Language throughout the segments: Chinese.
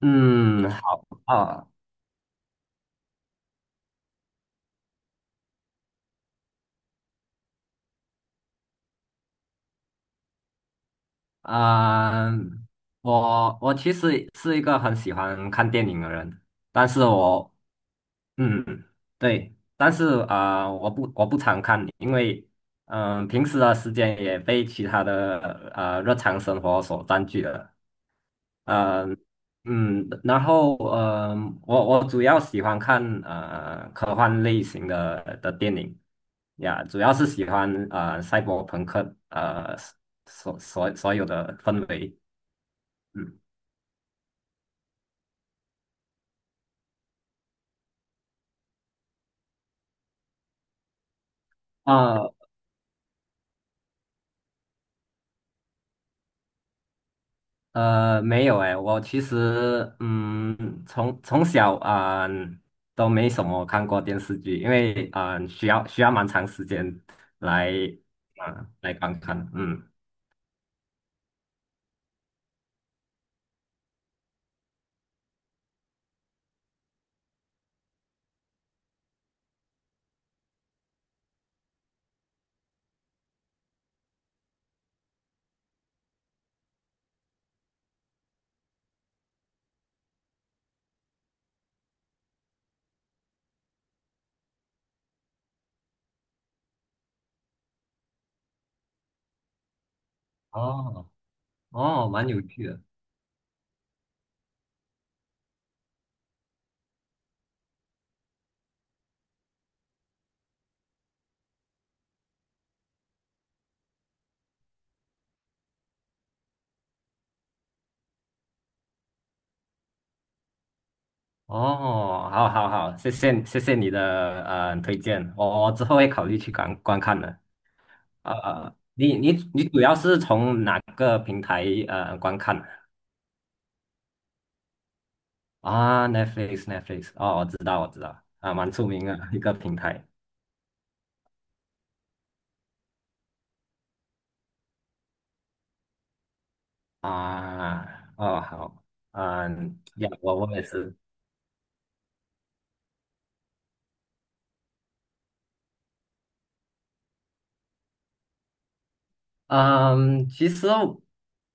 嗯，好嗯，我其实是一个很喜欢看电影的人，但是我，嗯，对，但是我不常看，因为，平时的时间也被其他的日常生活所占据了。呃，然后我主要喜欢看科幻类型的电影呀，主要是喜欢赛博朋克所有的氛围。嗯啊没有诶，我其实从小都没什么看过电视剧，因为需要蛮长时间来来观看。嗯哦哦，蛮有趣的。哦，好好好，谢谢你的推荐，我之后会考虑去观看的。你主要是从哪个平台观看的啊？Netflix 哦，我知道我知道，啊，蛮出名的一个平台啊。哦，好，呀，我也是。嗯，其实，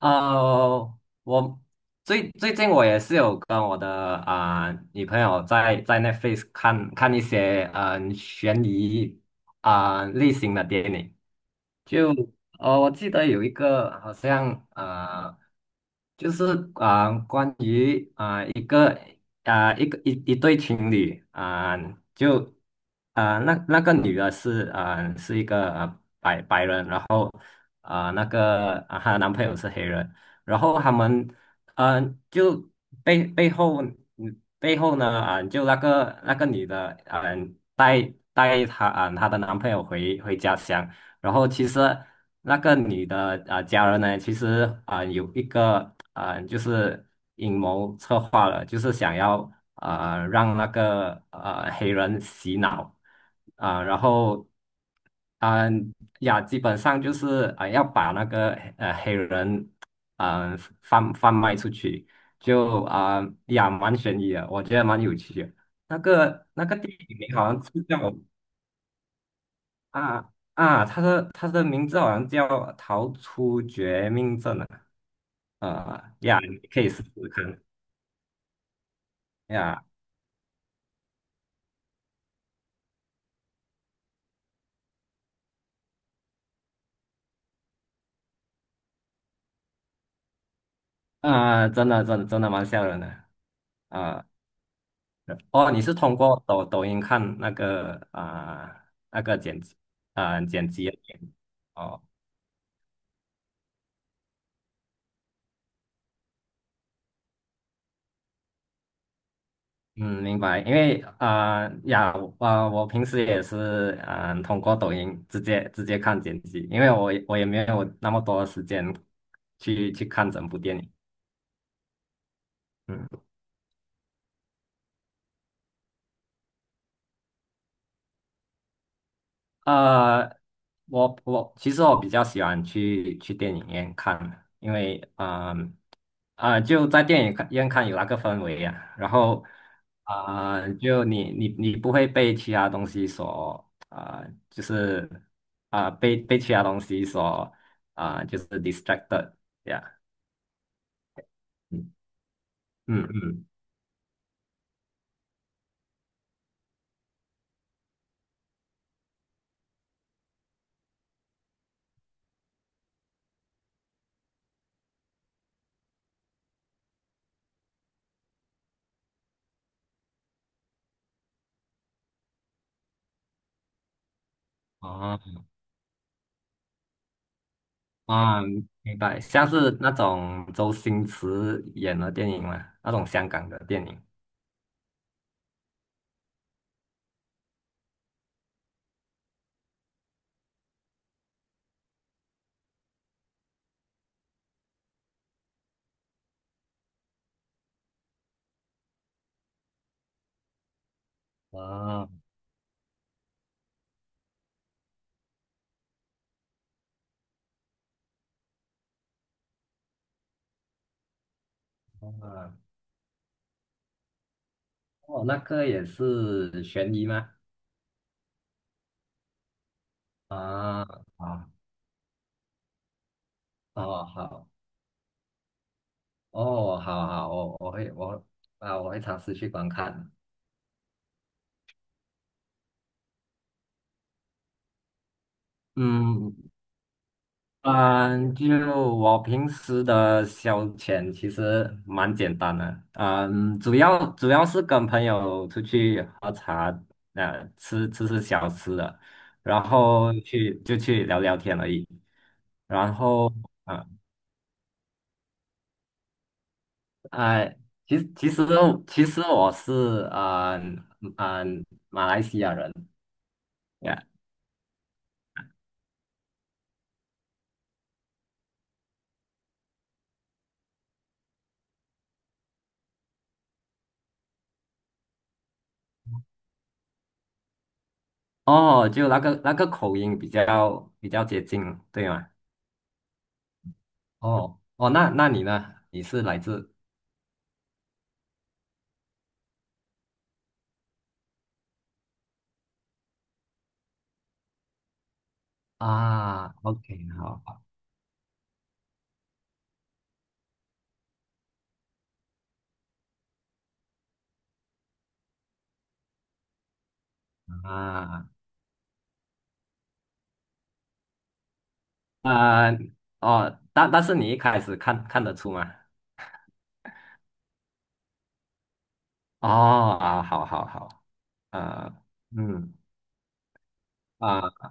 我最近我也是有跟我的女朋友在那 f a c e 看看一些悬疑类型的电影。就我记得有一个好像就是关于一个一对情侣就那个女的是是一个啊，白人，然后那个她的男朋友是黑人，然后他们就背后呢就那个女的带她她的男朋友回家乡，然后其实那个女的家人呢，其实有一个就是阴谋策划了，就是想要让那个黑人洗脑然后啊、呀，基本上就是要把那个黑人贩卖出去，就呀蛮悬疑的，我觉得蛮有趣的。那个电影名好像是叫。啊啊，他的名字好像叫逃出绝命镇啊，啊呀，你可以试试看呀。啊，真的真的真的蛮吓人的啊。哦，你是通过抖音看那个剪辑的片？哦，嗯，明白，因为呀，我我平时也是通过抖音直接看剪辑，因为我也没有那么多时间去看整部电影。嗯。呃，我其实比较喜欢去电影院看，因为就在电影院看有那个氛围呀、然后就你不会被其他东西所就是被其他东西所就是 distracted 呀。嗯嗯嗯。哦啊、明白，像是那种周星驰演的电影嘛，那种香港的电影。啊，啊哦，那个也是悬疑吗？啊，啊，哦，好，哦，好好，我会尝试去观看。嗯嗯，就我平时的消遣其实蛮简单的，嗯，主要是跟朋友出去喝茶，吃小吃的，然后去就去聊聊天而已。然后，呃哎，其实其实其实我是马来西亚人呀。哦，就那个口音比较接近，对吗？哦哦，那你呢？你是来自啊？OK,好。啊啊哦，但是你一开始看得出吗？哦啊，好好好，呃嗯啊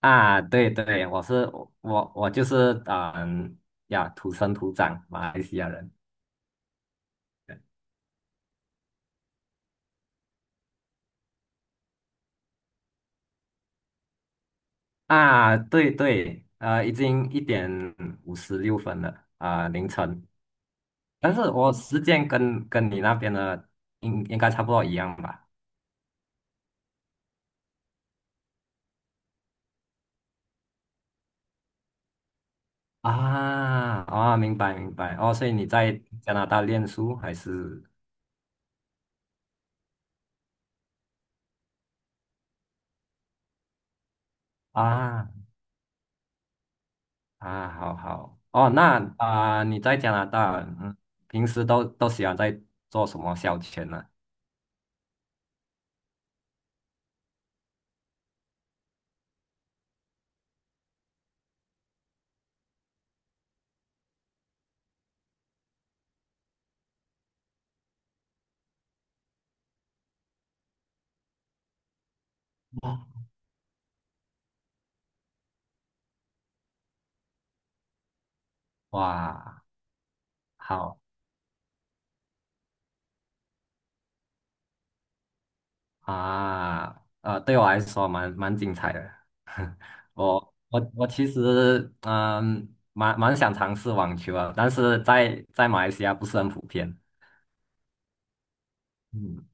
对对，我就是呀，土生土长马来西亚人。啊，对对，已经1:56了啊，凌晨。但是我时间跟你那边的应该差不多一样吧？啊啊，明白明白。哦，所以你在加拿大念书还是？啊啊？好好哦，那啊，你在加拿大，嗯，平时都喜欢在做什么消遣呢？哦哇，好。啊，对我来说蛮蛮精彩的。我其实蛮蛮想尝试网球啊，但是在马来西亚不是很普遍。嗯，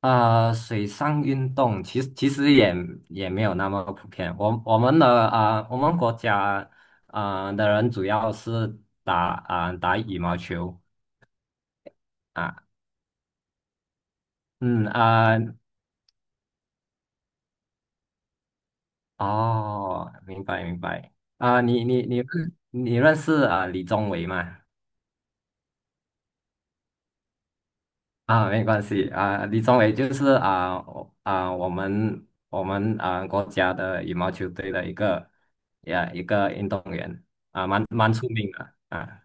啊，水上运动其实也没有那么普遍。我们的国家的人主要是打羽毛球啊。嗯啊、呃哦，明白明白。啊、你你你你认识李宗伟吗？啊，没关系啊，李宗伟就是我们啊国家的羽毛球队的一个运动员，蛮蛮出名的啊。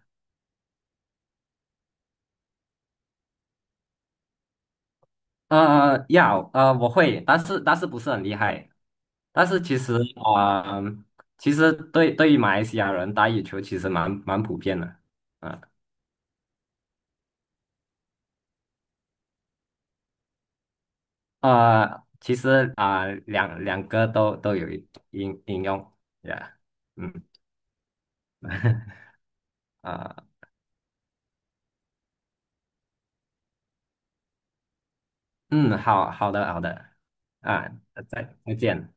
我会，但是不是很厉害。但是啊、嗯其实对于马来西亚人打羽球其实蛮蛮普遍的啊。其实两个都有应用呀。嗯。啊。嗯，好好的好的，啊，再见。